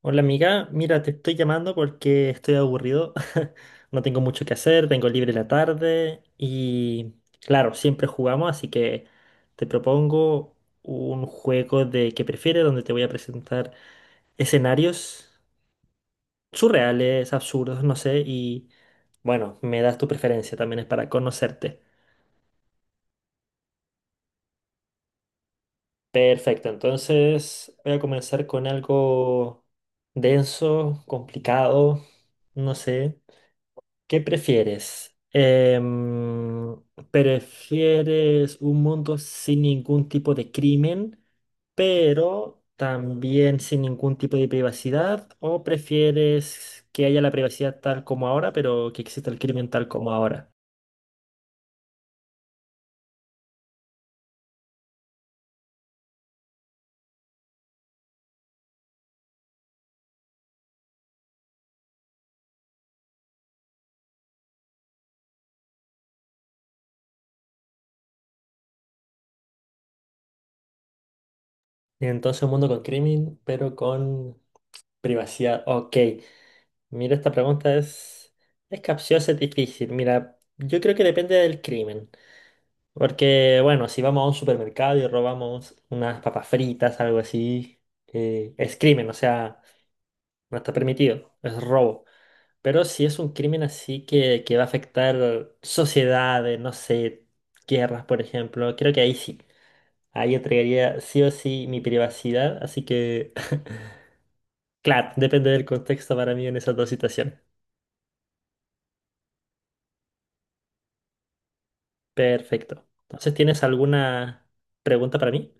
Hola amiga, mira, te estoy llamando porque estoy aburrido, no tengo mucho que hacer, tengo libre la tarde y claro, siempre jugamos, así que te propongo un juego de qué prefieres donde te voy a presentar escenarios surreales, absurdos, no sé, y bueno, me das tu preferencia, también es para conocerte. Perfecto, entonces voy a comenzar con algo denso, complicado, no sé. ¿Qué prefieres? ¿Prefieres un mundo sin ningún tipo de crimen, pero también sin ningún tipo de privacidad? ¿O prefieres que haya la privacidad tal como ahora, pero que exista el crimen tal como ahora? Entonces, un mundo con crimen, pero con privacidad. Ok, mira, esta pregunta es capciosa, es difícil. Mira, yo creo que depende del crimen. Porque, bueno, si vamos a un supermercado y robamos unas papas fritas, algo así, es crimen, o sea, no está permitido, es robo. Pero si es un crimen así que va a afectar sociedades, no sé, guerras, por ejemplo, creo que ahí sí. Ahí entregaría sí o sí mi privacidad, así que, claro, depende del contexto para mí en esas dos situaciones. Perfecto. Entonces, ¿tienes alguna pregunta para mí?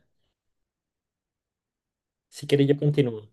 Si quieres, yo continúo.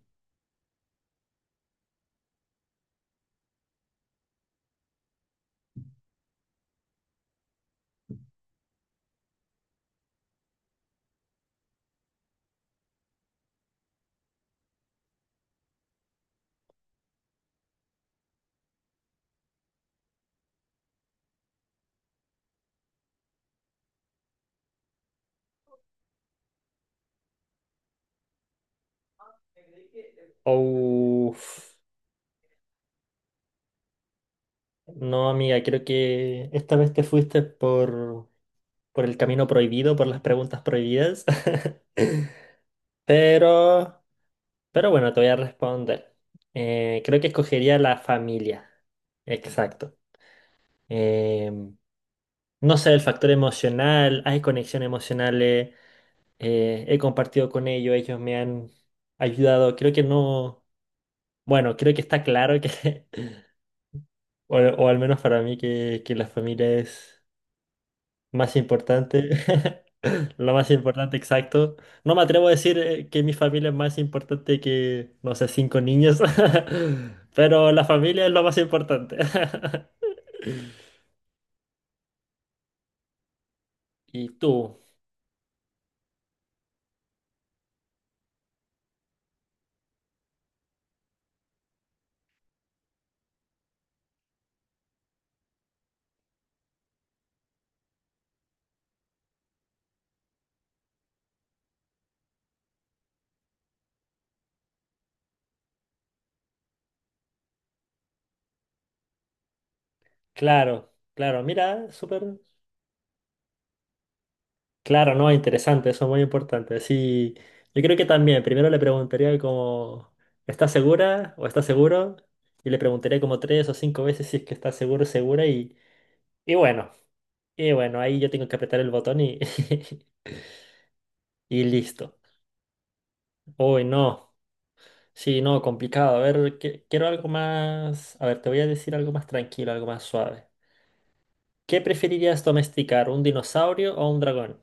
Uf. No, amiga, creo que esta vez te fuiste por el camino prohibido, por las preguntas prohibidas. Pero, pero bueno, te voy a responder. Creo que escogería la familia. Exacto. Em, no sé, el factor emocional, hay conexiones emocionales, he compartido con ellos, ellos me han ayudado. Creo que no, bueno, creo que está claro que, o al menos para mí, que la familia es... Más importante, lo más importante, exacto. No me atrevo a decir que mi familia es más importante que, no sé, cinco niños, pero la familia es lo más importante. Y tú, claro, claro, mira, súper, claro, no, interesante, eso es muy importante. Sí, yo creo que también, primero le preguntaría como, ¿estás segura o estás seguro? Y le preguntaría como tres o cinco veces si es que está seguro, segura y bueno, y bueno, ahí yo tengo que apretar el botón y... Y listo. Uy, no. Sí, no, complicado. A ver, quiero algo más. A ver, te voy a decir algo más tranquilo, algo más suave. ¿Qué preferirías domesticar, un dinosaurio o un dragón?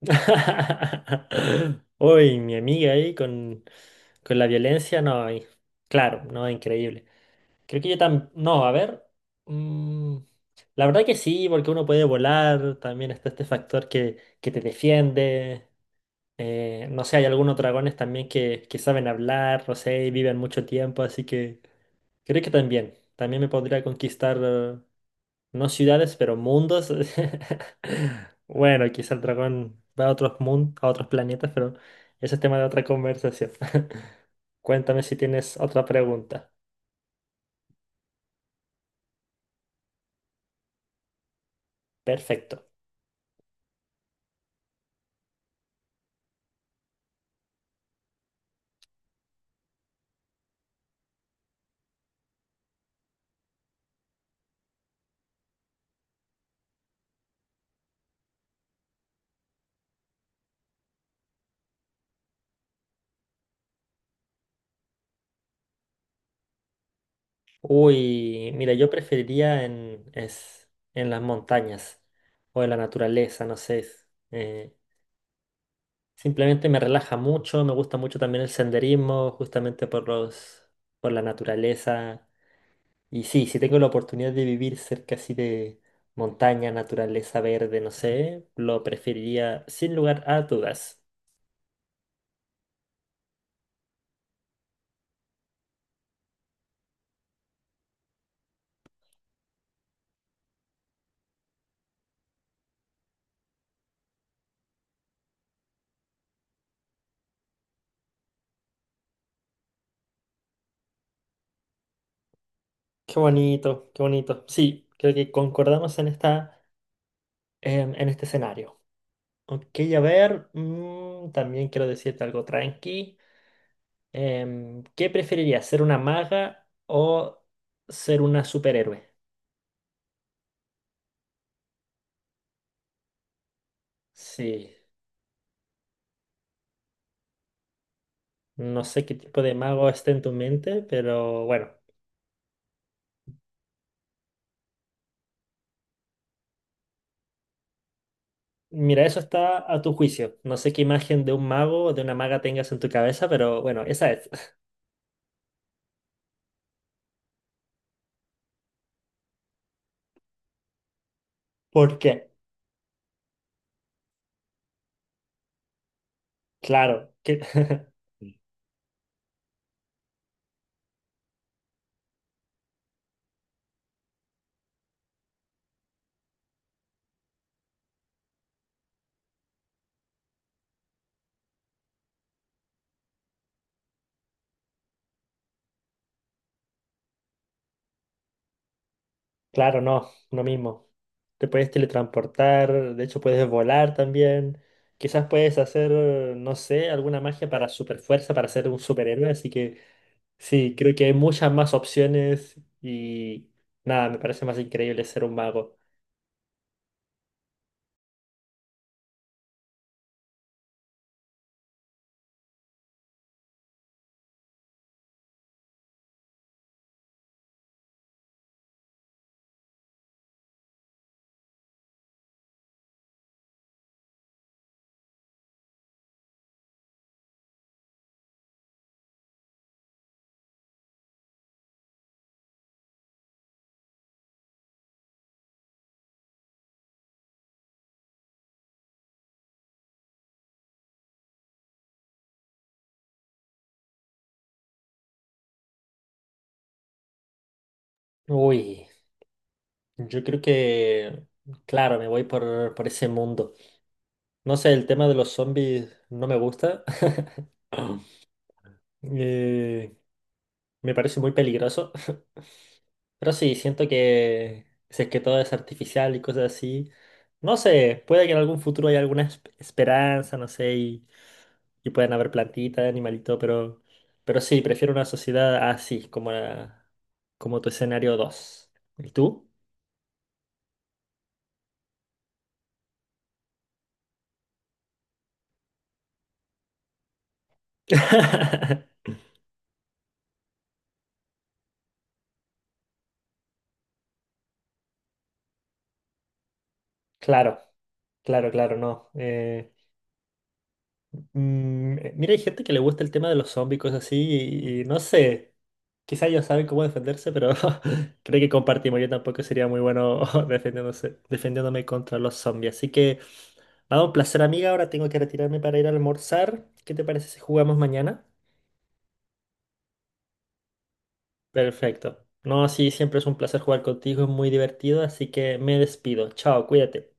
Uy, mi amiga ahí con la violencia, no. Claro, no, increíble. Creo que yo también. No, a ver. mm, la verdad que sí, porque uno puede volar. También está este factor que te defiende. No sé, hay algunos dragones también que saben hablar, no sé, y viven mucho tiempo, así que creo que también me podría conquistar, no ciudades, pero mundos. Bueno, quizá el dragón va a otros mundos, a otros planetas, pero ese es tema de otra conversación. Cuéntame si tienes otra pregunta. Perfecto. Uy, mira, yo preferiría en las montañas o en la naturaleza, no sé. eh, Simplemente me relaja mucho, me gusta mucho también el senderismo, justamente por la naturaleza. Y sí, si tengo la oportunidad de vivir cerca así de montaña, naturaleza verde, no sé, lo preferiría sin lugar a dudas. Qué bonito, qué bonito. Sí, creo que concordamos en este escenario. Ok, a ver, también quiero decirte algo tranqui. ¿Qué preferirías, ser una maga o ser una superhéroe? Sí. No sé qué tipo de mago está en tu mente, pero bueno. Mira, eso está a tu juicio. No sé qué imagen de un mago o de una maga tengas en tu cabeza, pero bueno, esa es. ¿Por qué? Claro, que... claro, no, no mismo. Te puedes teletransportar, de hecho puedes volar también. Quizás puedes hacer, no sé, alguna magia para superfuerza, para ser un superhéroe. Así que sí, creo que hay muchas más opciones y nada, me parece más increíble ser un mago. Uy. Yo creo que, claro, me voy por ese mundo. No sé, el tema de los zombies no me gusta. Eh, me parece muy peligroso. Pero sí, siento que si es que todo es artificial y cosas así, no sé, puede que en algún futuro haya alguna esperanza, no sé, y puedan haber plantitas, animalitos, pero, sí, prefiero una sociedad así, como, como tu escenario dos. ¿Y tú? Claro, claro, claro, no. Mira, hay gente que le gusta el tema de los zombies, cosas así, y no sé, quizá ellos saben cómo defenderse, pero creo que compartimos. Yo tampoco sería muy bueno defendiéndome contra los zombies. Así que, nada, un placer, amiga. Ahora tengo que retirarme para ir a almorzar. ¿Qué te parece si jugamos mañana? Perfecto. No, sí, siempre es un placer jugar contigo, es muy divertido, así que me despido. Chao, cuídate.